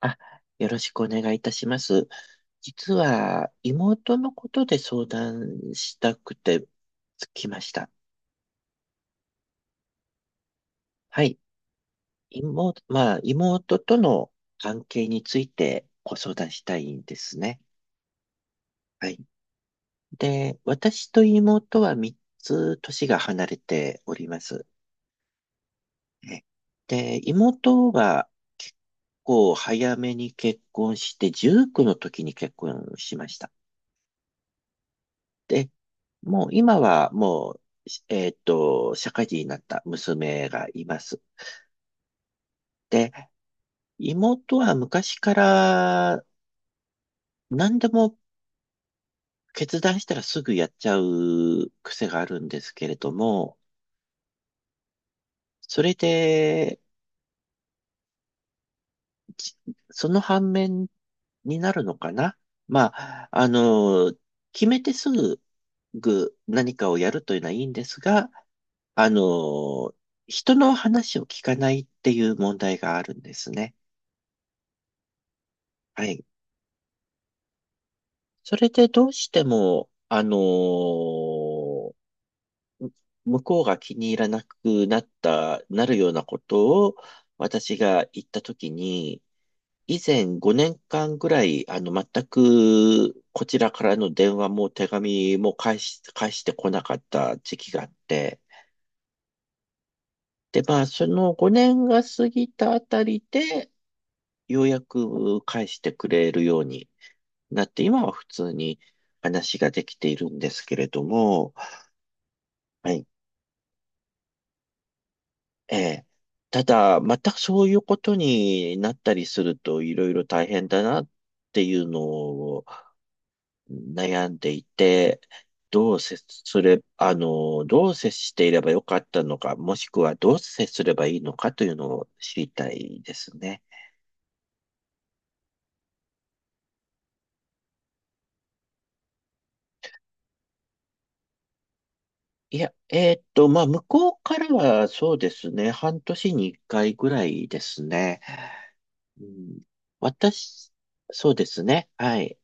あ、よろしくお願いいたします。実は、妹のことで相談したくて来ました。はい。妹、まあ、妹との関係についてご相談したいんですね。はい。で、私と妹は3つ年が離れております。ねで、妹は、こう、早めに結婚して、19の時に結婚しました。で、もう今はもう、社会人になった娘がいます。で、妹は昔から何でも決断したらすぐやっちゃう癖があるんですけれども、それで、じその反面になるのかな、まあ、決めてすぐ何かをやるというのはいいんですが、あの、人の話を聞かないっていう問題があるんですね。はい。それでどうしても、向こうが気に入らなくなった、なるようなことを私が言ったときに、以前5年間ぐらい、全くこちらからの電話も手紙も返し、返してこなかった時期があって、で、まあ、その5年が過ぎたあたりで、ようやく返してくれるようになって、今は普通に話ができているんですけれども、はい。ええ。ただ、またそういうことになったりするといろいろ大変だなっていうのを悩んでいて、どう接すれ、どう接していればよかったのか、もしくはどう接すればいいのかというのを知りたいですね。いや、まあ、向こうからはそうですね、半年に一回ぐらいですね。うん、私、そうですね、はい。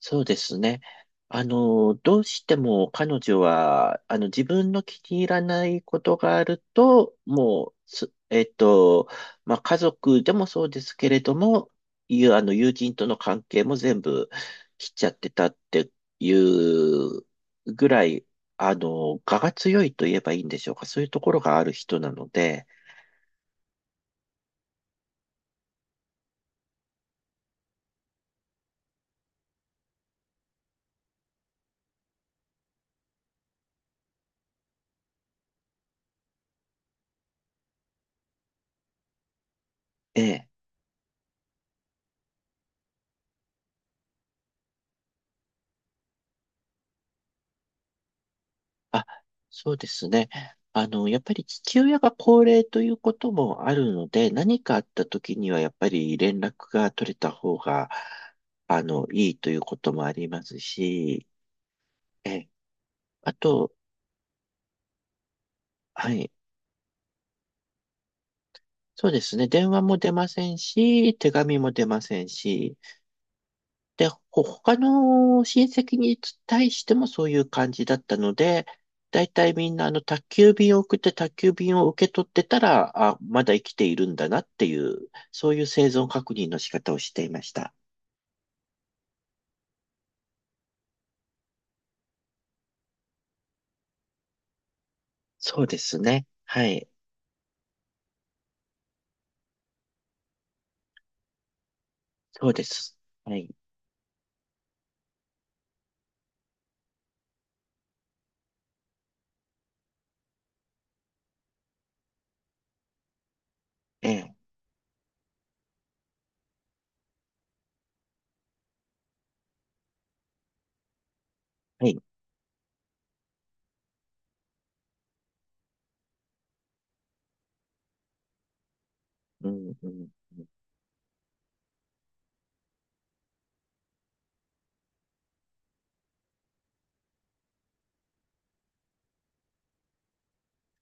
そうですね。どうしても彼女は、自分の気に入らないことがあると、もう、すえっと、まあ、家族でもそうですけれども、いう、あの、友人との関係も全部切っちゃってたっていうぐらい、我が強いと言えばいいんでしょうか。そういうところがある人なので、ええ。あ、そうですね。やっぱり父親が高齢ということもあるので、何かあった時にはやっぱり連絡が取れた方が、いいということもありますし、え、あと、はい、そうですね。電話も出ませんし、手紙も出ませんし、で、他の親戚に対してもそういう感じだったので、だいたいみんな宅急便を送って宅急便を受け取ってたら、あ、まだ生きているんだなっていう、そういう生存確認の仕方をしていました。そうですね。はい。そうです。はい。ええ。はい。うん、うん。うん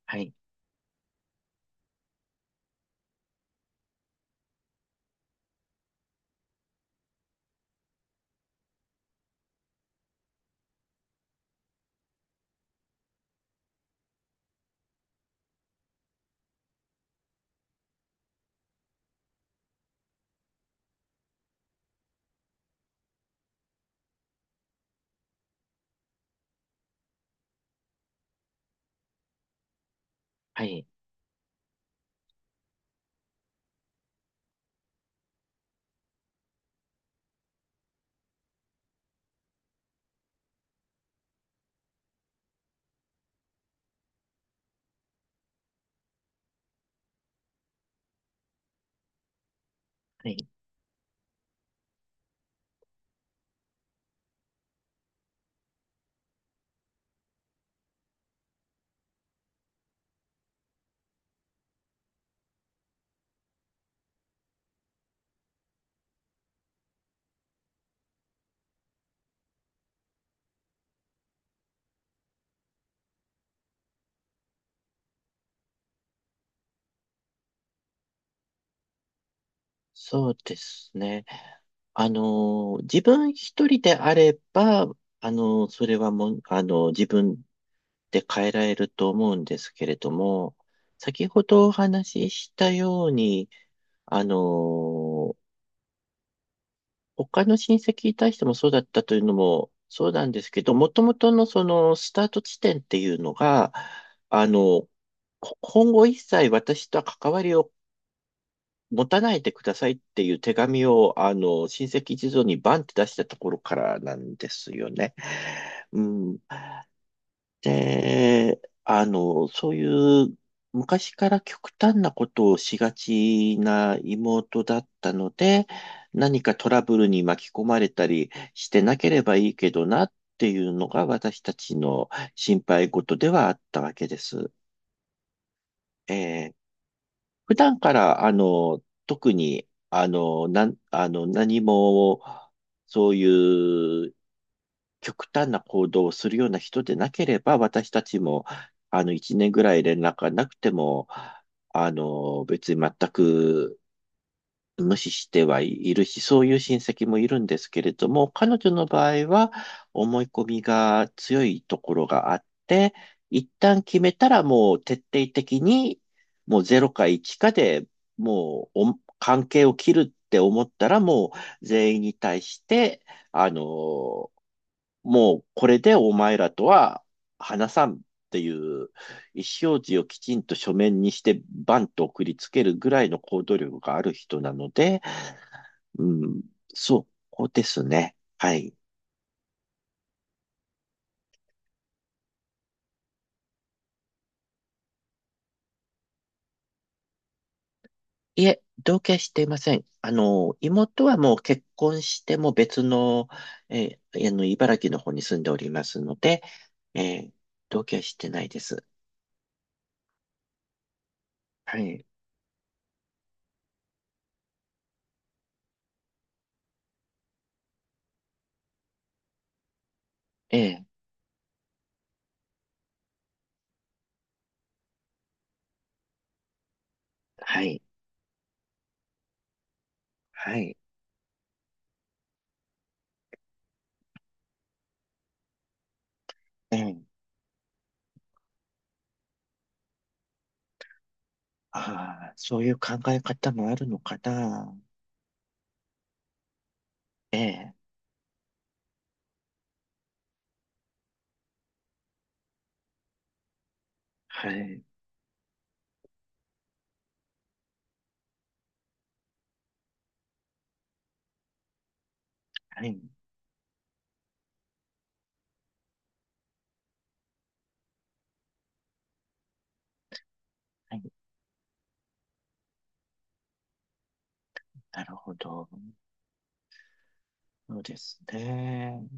はい。はい。はい。そうですね。あの自分一人であれば、それはもう、自分って変えられると思うんですけれども、先ほどお話ししたように、あの、他の親戚に対してもそうだったというのもそうなんですけど、もともとのそのスタート地点っていうのが、あの、今後一切私とは関わりを持たないでくださいっていう手紙を、親戚一同にバンって出したところからなんですよね。うん。で、そういう昔から極端なことをしがちな妹だったので、何かトラブルに巻き込まれたりしてなければいいけどなっていうのが私たちの心配事ではあったわけです。えー普段から、特に、あの、なん、あの、何も、そういう極端な行動をするような人でなければ、私たちも、一年ぐらい連絡がなくても、別に全く無視してはいるし、そういう親戚もいるんですけれども、彼女の場合は、思い込みが強いところがあって、一旦決めたらもう徹底的に、もうゼロか1かで、もうお関係を切るって思ったら、もう全員に対して、あの、もうこれでお前らとは話さんっていう意思表示をきちんと書面にしてバンと送りつけるぐらいの行動力がある人なので、うん、そうですね。はい。いえ、同居はしていません。妹はもう結婚しても別の、茨城の方に住んでおりますので、えー同居はしてないです。はい。ええ、はい。はい。ええ、ああ、そういう考え方もあるのかな。ええ、はい、はい、はい。なるほど。そうですね。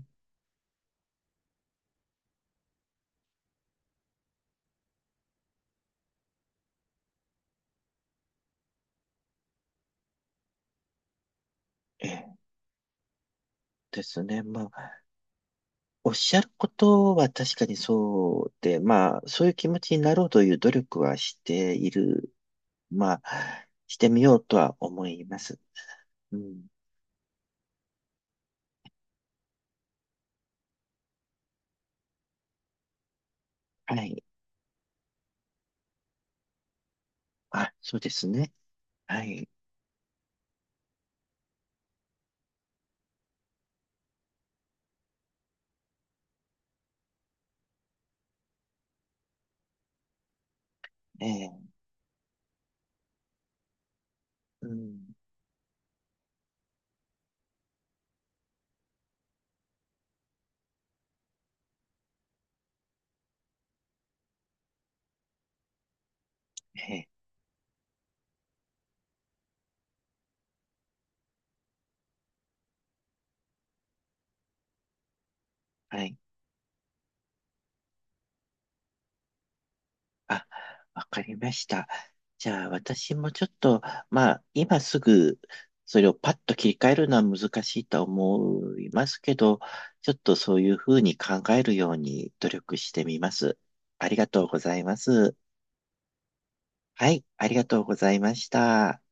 ええ、ですね。まあ、おっしゃることは確かにそうで、まあ、そういう気持ちになろうという努力はしている。まあ、してみようとは思います。うん。はい。あ、そうですね。はい。ええ、うん。ええ、はい。あ、わかりました。じゃあ、私もちょっと、まあ、今すぐ、それをパッと切り替えるのは難しいと思いますけど、ちょっとそういうふうに考えるように努力してみます。ありがとうございます。はい、ありがとうございました。